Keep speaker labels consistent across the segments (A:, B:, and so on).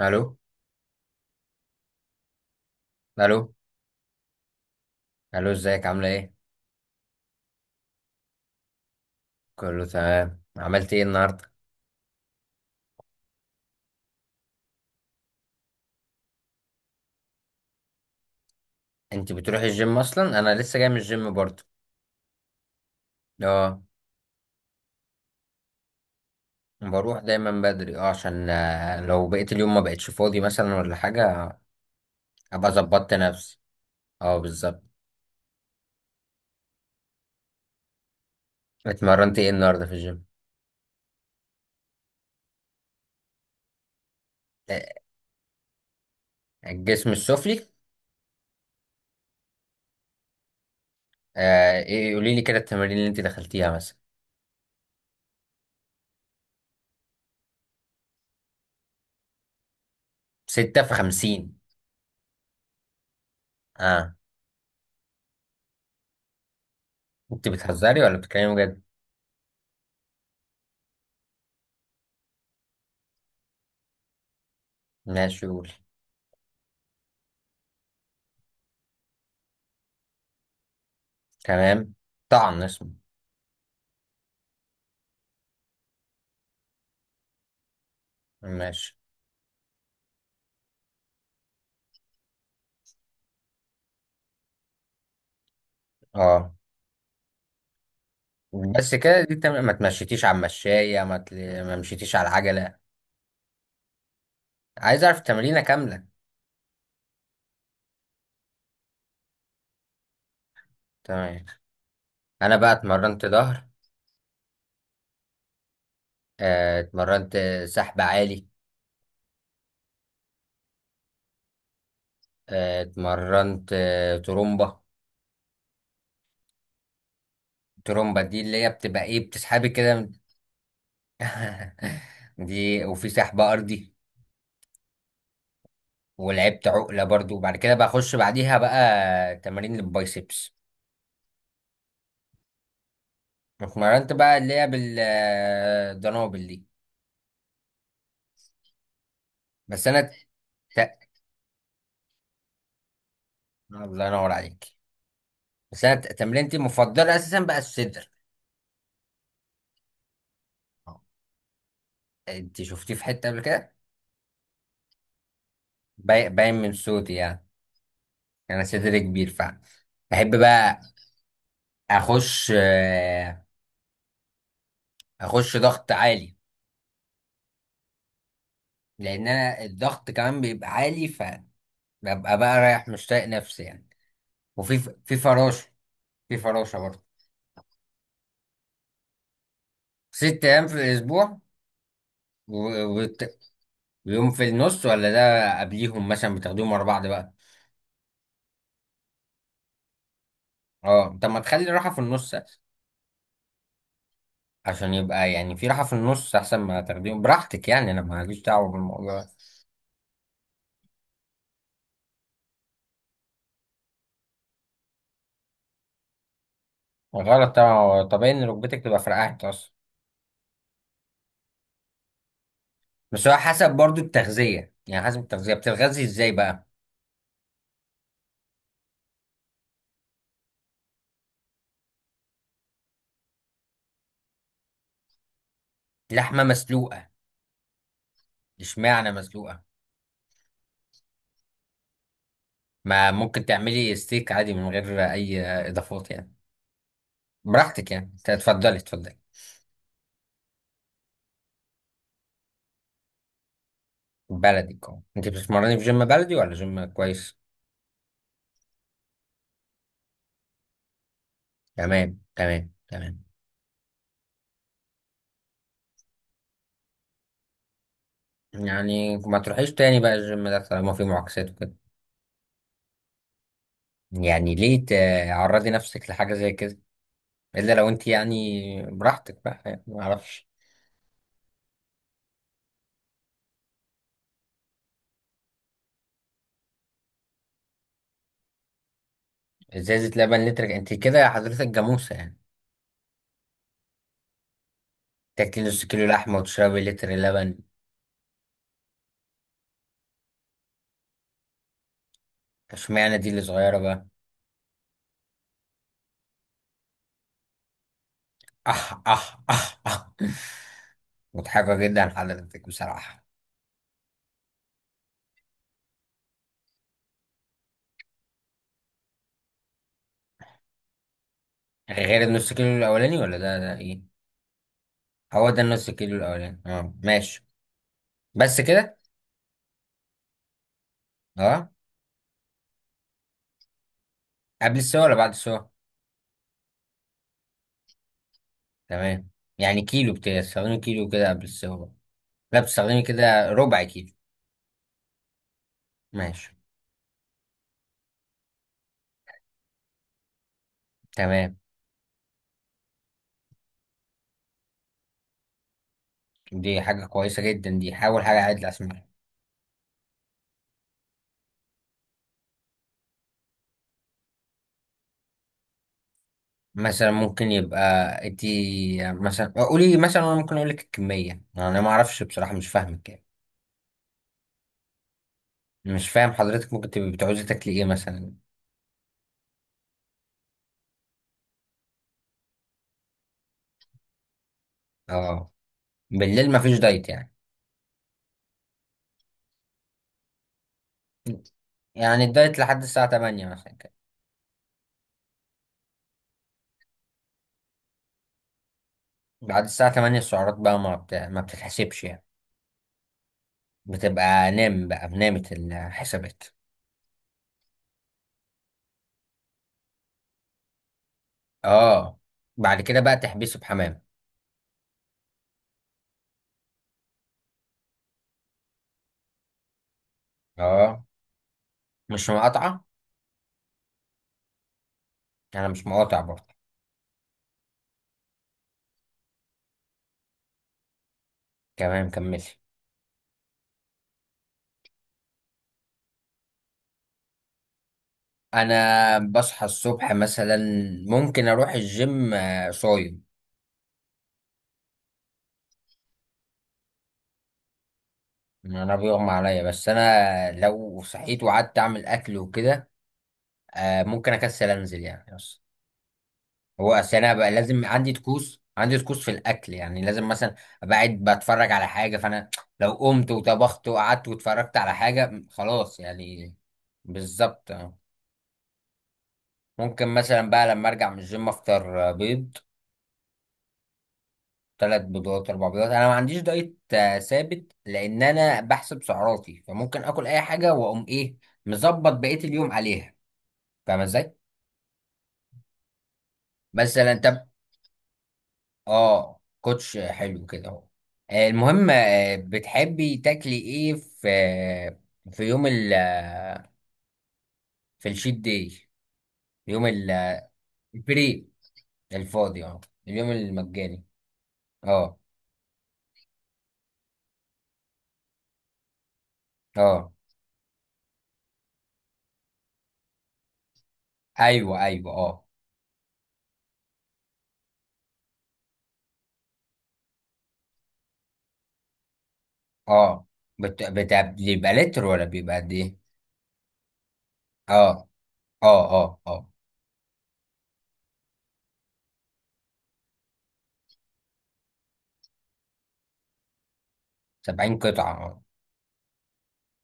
A: الو. الو. الو. ازيك؟ عامله ايه؟ كله تمام. عملت ايه النهارده؟ انت بتروحي الجيم اصلا؟ انا لسه جاي من الجيم برضه. اه، بروح دايما بدري. اه عشان لو بقيت اليوم ما بقتش فاضي مثلا ولا حاجه. ابقى ظبطت نفسي. اه، بالظبط. اتمرنت ايه النهارده في الجيم؟ آه، الجسم السفلي. آه، ايه؟ قولي لي كده التمارين اللي انت دخلتيها مثلا. 6 في 50؟ اه، انت بتهزري ولا بتتكلمي بجد؟ ماشي، قولي. تمام. طعن اسمه؟ ماشي. اه، بس كده. دي التمرين ما تمشيتيش على المشاية ما مشيتيش على العجلة؟ عايز اعرف التمرينة كاملة. تمام. انا بقى اتمرنت ظهر. اتمرنت سحب عالي. اتمرنت ترومبة. ترومبة دي اللي هي بتبقى ايه؟ بتسحبي كده دي. وفي سحب ارضي. ولعبت عقلة برضو، وبعد كده بقى اخش بعديها بقى تمارين للبايسبس. اتمرنت بقى اللي هي بالدنابل دي. بس انا ت... الله ينور عليك. بس انا تمرينتي المفضله اساسا بقى الصدر. آه. انت شفتيه في حته قبل كده؟ باين من صوتي يعني. انا صدري كبير، ف بحب بقى. اخش اخش ضغط عالي. لان انا الضغط كمان بيبقى عالي، فببقى بقى رايح مش طايق نفسي يعني. وفي في فراشه. في فراشه برضه. 6 ايام في الاسبوع؟ و- وت- ويوم في النص ولا ده؟ قبليهم مثلا بتاخدوهم ورا بعض بقى؟ اه، طب ما تخلي راحه في النص. عشان يبقى يعني في راحة في النص أحسن. ما تاخديهم براحتك يعني، أنا ماليش دعوة بالموضوع ده. غلط طبعا. هو طبيعي إن ركبتك تبقى فرقعت أصلا. بس هو حسب برضو التغذية. يعني حسب التغذية بتتغذي إزاي بقى؟ لحمة مسلوقة؟ إشمعنى مسلوقة؟ ما ممكن تعملي ستيك عادي من غير أي إضافات يعني. براحتك يعني، اتفضلي اتفضلي. بلدي أنت بتتمرني في جيم بلدي ولا جيم كويس؟ تمام، تمام، تمام. يعني ما تروحيش تاني بقى الجيم ده طالما فيه معاكسات وكده. يعني ليه تعرضي نفسك لحاجة زي كده؟ إلا لو أنت يعني براحتك بقى، يعني ما أعرفش. إزازة لبن لتر؟ أنت كده يا حضرتك جاموسة يعني. تاكلي نص كيلو لحمة وتشربي لتر لبن؟ اشمعنى دي اللي صغيرة بقى؟ أح أح أح أح. مضحكة جدا حضرتك بصراحة. غير النص كيلو الأولاني ولا ده إيه؟ هو ده النص كيلو الأولاني. أه، ماشي. بس كده. أه. قبل السوا ولا بعد السوا؟ تمام. يعني كيلو؟ بتستخدمي كيلو كده قبل السوا؟ لا، بتستخدمي كده ربع كيلو؟ ماشي. تمام. دي حاجة كويسة جدا. دي حاول حاجة عدل أسمعها. مثلا ممكن يبقى ادي مثلا. قولي مثلا. أنا ممكن أقولك الكمية. أنا ما أعرفش بصراحة، مش فاهمك يعني. مش فاهم حضرتك. ممكن تبقي بتعوزي تاكلي إيه مثلا؟ أه. بالليل مفيش دايت يعني؟ يعني الدايت لحد الساعة 8 مثلا كده؟ بعد الساعة 8 السعرات بقى ما بتتحسبش يعني؟ بتبقى نام بقى، بنامت الحسابات. أه. بعد كده بقى تحبسي بحمام. أه، مش مقاطعة. أنا مش مقاطع برضه. تمام، كملي. انا بصحى الصبح مثلا. ممكن اروح الجيم صايم. انا بيغمى عليا، بس انا لو صحيت وقعدت اعمل اكل وكده ممكن اكسل انزل يعني، بس. هو اصل انا بقى لازم عندي طقوس، عندي طقوس في الاكل، يعني لازم مثلا ابقى قاعد بتفرج على حاجه، فانا لو قمت وطبخت وقعدت واتفرجت على حاجه خلاص يعني. بالظبط. آه. ممكن مثلا بقى لما ارجع من الجيم افطر بيض. 3 بيضات، 4 بيضات. انا ما عنديش دايت ثابت، لان انا بحسب سعراتي، فممكن اكل اي حاجه واقوم ايه مظبط بقيه اليوم عليها. فاهم ازاي؟ مثلا، طب. اه، كوتش حلو كده اهو. المهم، بتحبي تاكلي ايه في في يوم ال في الشيت داي. يوم ال- آه، البري. الفاضي. اه. اليوم المجاني. اه، اه. ايوه، ايوه، اه. اه، بيبقى لتر ولا بيبقى قد ايه؟ اه، اه، اه، اه. 70 قطعة؟ اه.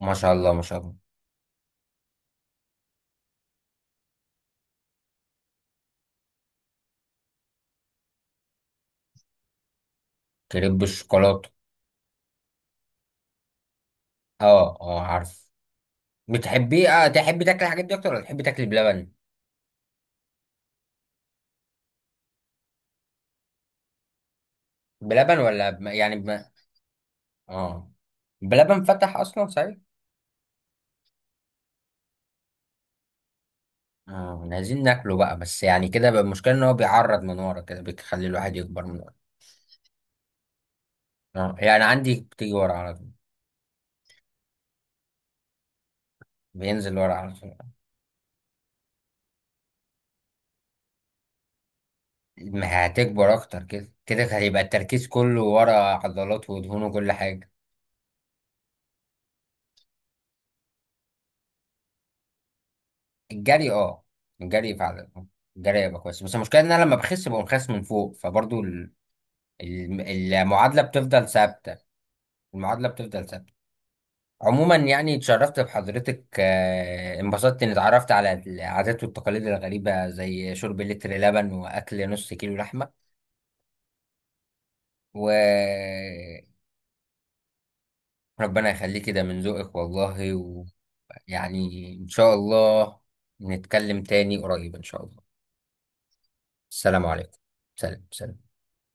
A: ما شاء الله، ما شاء الله. كريب بالشوكولاتة. اه، اه، عارف. بتحبيه؟ اه، تحبي تاكلي الحاجات دي اكتر ولا تحبي تاكلي بلبن؟ بلبن ولا يعني اه. بلبن فتح اصلا، صحيح. اه. إحنا عايزين ناكله بقى، بس يعني كده بقى المشكلة ان هو بيعرض من ورا كده بيخلي الواحد يكبر من ورا. اه، يعني عندي بتيجي ورا على طول. بينزل ورا على طول. ما هتكبر اكتر. كده كده هيبقى التركيز كله ورا، عضلات ودهون وكل حاجة. الجري، اه. الجري فعلا. الجري يبقى كويس، بس المشكله ان انا لما بخس بقوم خس من فوق، فبرضو ال- المعادله بتفضل ثابته. المعادله بتفضل ثابته. عموما يعني اتشرفت بحضرتك، انبسطت اني اتعرفت على العادات والتقاليد الغريبه زي شرب لتر لبن واكل نص كيلو لحمه. وربنا يخليك، كده من ذوقك والله. ويعني ان شاء الله نتكلم تاني قريب ان شاء الله. السلام عليكم. سلام، سلام.